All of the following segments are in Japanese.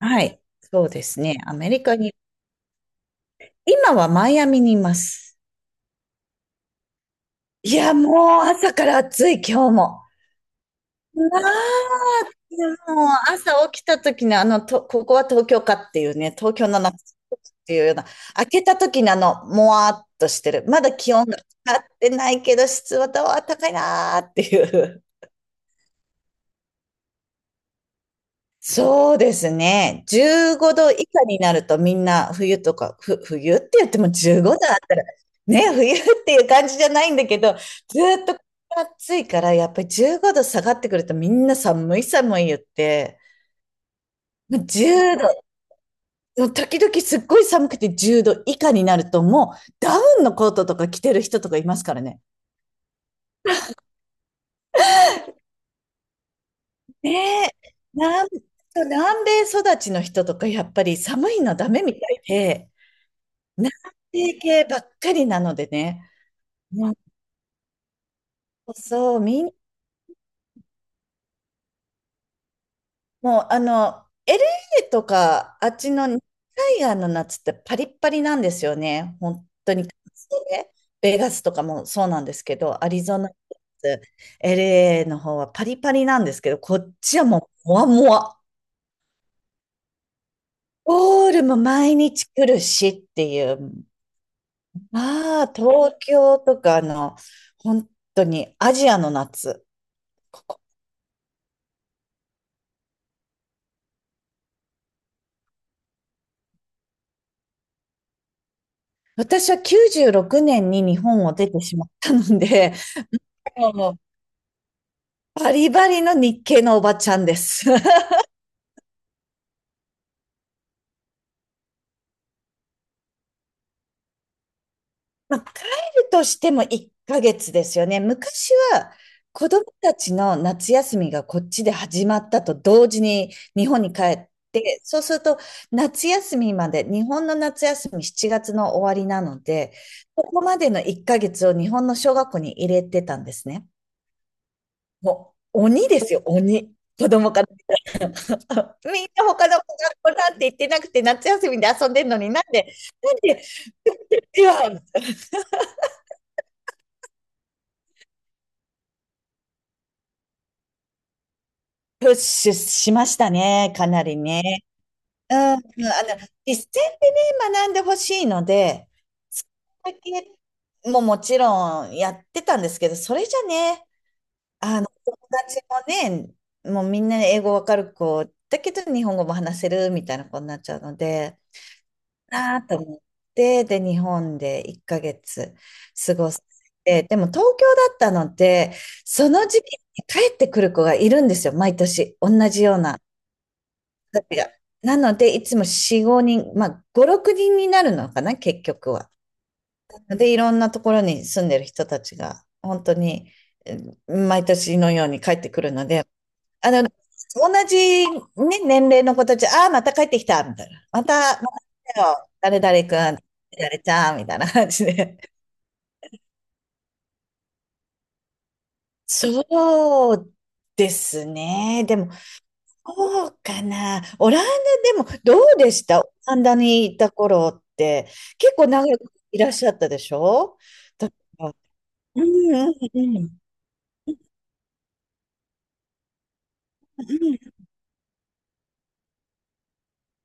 はい。そうですね。アメリカに、今はマイアミにいます。いや、もう朝から暑い、今日も。まあ、もう朝起きた時のここは東京かっていうね、東京の夏っていうような、開けた時のもわーっとしてる。まだ気温が上がってないけど、湿度は高いなーっていう。そうですね。15度以下になるとみんな冬とか、冬って言っても15度あったら、ね、冬っていう感じじゃないんだけど、ずーっと暑いから、やっぱり15度下がってくるとみんな寒い寒い言って、もう10度、時々すっごい寒くて10度以下になるともうダウンのコートとか着てる人とかいますからね。ねえ、南、南米育ちの人とかやっぱり寒いのダメみたいで、南性系ばっかりなのでね。うん、そう、みん、もうLA とか、あっちの熱帯夜の夏ってパリッパリなんですよね。本当に。ベガスとかもそうなんですけど、アリゾナ、LA の方はパリパリなんですけど、こっちはもう、もわもわ。ゴールも毎日来るしっていう。まあ、東京とかの、本当にアジアの夏。私は96年に日本を出てしまったので、もうバリバリの日系のおばちゃんです。ま来るとしても1ヶ月ですよね。昔は子供たちの夏休みがこっちで始まったと同時に日本に帰って、そうすると夏休みまで、日本の夏休み7月の終わりなので、ここまでの1ヶ月を日本の小学校に入れてたんですね。もう鬼ですよ、鬼。子供から。 そうみんな他の子がこなんて言ってなくて、夏休みで遊んでるのになんで、なんで、では、プッシュしましたね、かなりね。うん、うん、実践でね、学んでほしいので、それだけももちろんやってたんですけど、それじゃね、友達もね、もうみんな英語わかる子、だけど日本語も話せるみたいな子になっちゃうので、なと思って、で、日本で1ヶ月過ごして、でも東京だったので、その時期に帰ってくる子がいるんですよ、毎年。同じような子たちが。なので、いつも4、5人、まあ、5、6人になるのかな、結局は。で、いろんなところに住んでる人たちが、本当に、うん毎年のように帰ってくるので、あの、同じ、ね、年齢の子たち、ああ、また帰ってきた、みたいな。また来たよ、誰々くん、誰々ちゃん、みたいな感じで。そうですね。でも、そうかな。オランダでも、どうでしたオランダにいた頃って、結構長くいらっしゃったでしょ？だから、うん、うん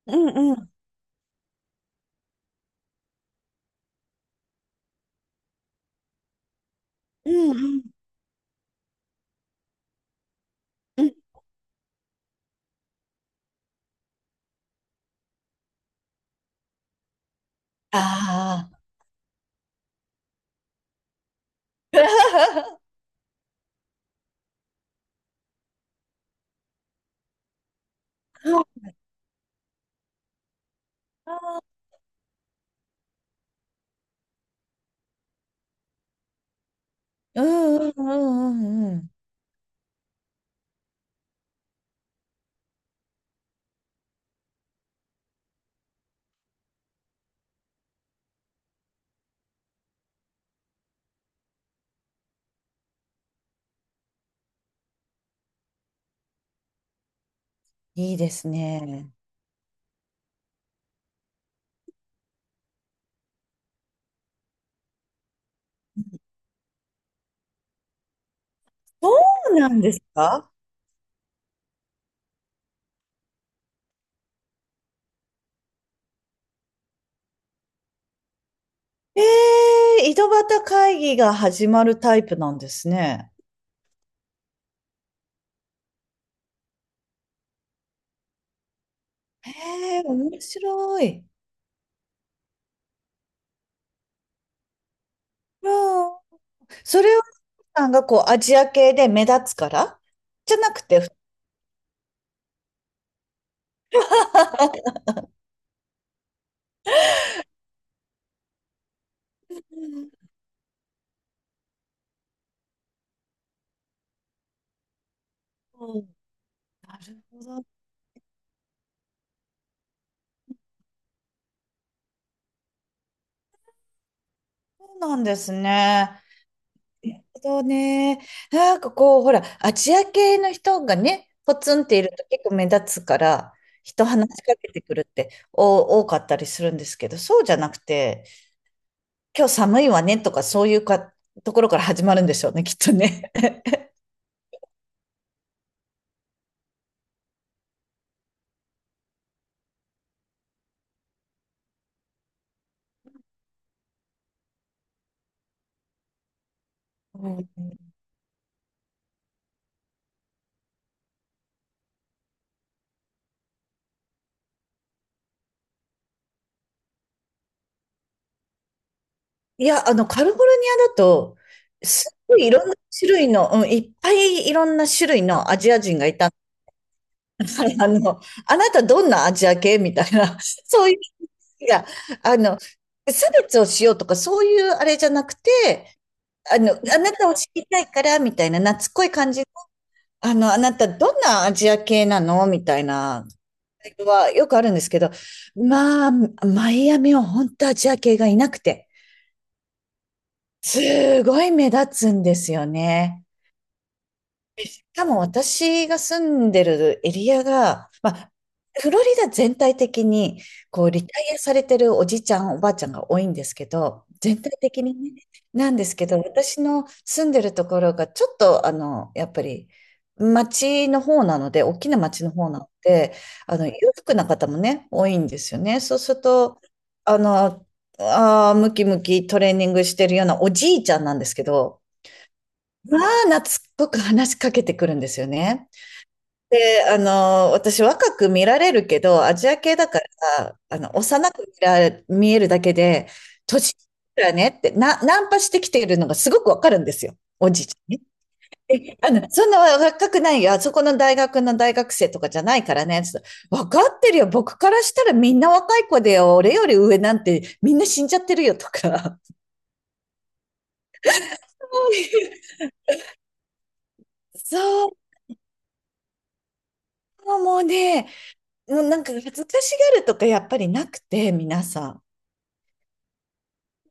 うんうんうんうんうんうんうんああー。うんうんうんうんうん。いいですね。そうなんですか？ええ、井戸端会議が始まるタイプなんですね。ええ、面白い。うん、それをさんがこうアジア系で目立つからじゃなくて、うん、なるほど。そうなんですね。なるほどね。なんかこう、ほら、アジア系の人がね、ポツンっていると結構目立つから、人話しかけてくるってお多かったりするんですけど、そうじゃなくて、今日寒いわねとか、そういうところから始まるんでしょうね、きっとね。うん、いや、カリフォルニアだと、すっごいいろんな種類の、うん、いっぱいいろんな種類のアジア人がいたんです。 あなたどんなアジア系みたいな、そういう、いや、あの、差別をしようとか、そういうあれじゃなくて、あなたを知りたいから、みたいな、懐っこい感じ。あなた、どんなアジア系なのみたいな、よくあるんですけど、まあ、マイアミは本当アジア系がいなくて、すごい目立つんですよね。多分私が住んでるエリアが、まあ、フロリダ全体的に、こう、リタイアされてるおじいちゃん、おばあちゃんが多いんですけど、全体的にね、なんですけど、私の住んでるところが、ちょっと、やっぱり、町の方なので、大きな町の方なので、裕福な方もね、多いんですよね。そうすると、あの、ムキムキトレーニングしてるようなおじいちゃんなんですけど、まあ、懐っこく話しかけてくるんですよね。で、私若く見られるけど、アジア系だから、幼く見えるだけで、年だねって、ナンパしてきているのがすごくわかるんですよ。おじいちゃんね、えあの、そんな若くないよ。あそこの大学の大学生とかじゃないからね。つってわかってるよ。僕からしたらみんな若い子でよ。俺より上なんてみんな死んじゃってるよとか。そういうそう、もうね、もうなんか恥ずかしがるとかやっぱりなくて、皆さん。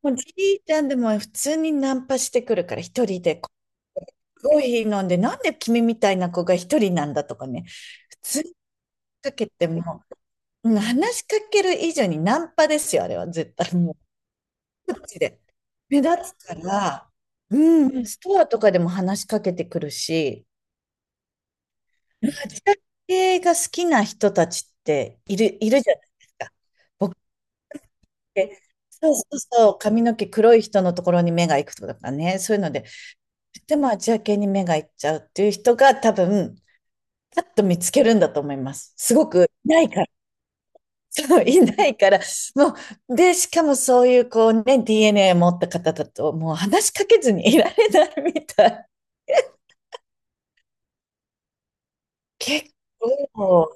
もうじいちゃんでも普通にナンパしてくるから、一人でコーヒー飲んで、なんで君みたいな子が一人なんだとかね。普通にかけても、うん、話しかける以上にナンパですよ、あれは絶対。もう、こっちで。目立つから、うん、ストアとかでも話しかけてくるし、まあ、自宅系が好きな人たちっている、いるじゃないですか。で、そうそうそう、髪の毛黒い人のところに目が行くとかね、そういうので、とてもアジア系に目が行っちゃうっていう人が多分、パッと見つけるんだと思います。すごくいないから。そう、いないから、もう、で、しかもそういうこうね、DNA 持った方だと、もう話しかけずにいられないみたい。結構、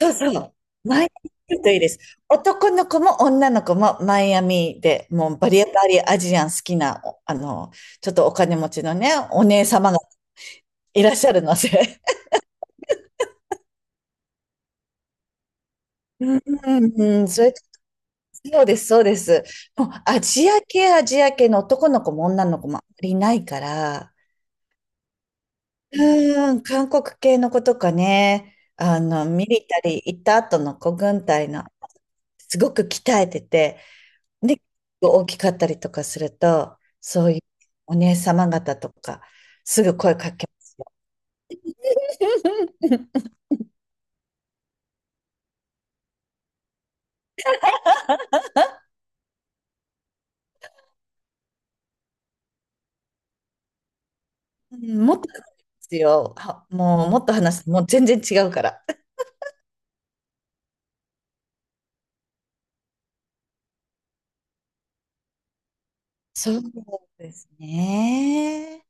そうそう。マイアミ来るといいです。男の子も女の子もマイアミで、もうバリバリアジアン好きな、おあの、ちょっとお金持ちのね、お姉様がいらっしゃるので。うん、うんそれ、そうです、そうです。もうアジア系、アジア系の男の子も女の子もあまりいないから、うん、韓国系の子とかね、ミリタリー行った後の子軍隊の、すごく鍛えてて、で、大きかったりとかすると、そういうお姉様方とか、すぐ声かけ、うん、もっとですよ。はもう、もっと話す。もう全然違うから。そうですね。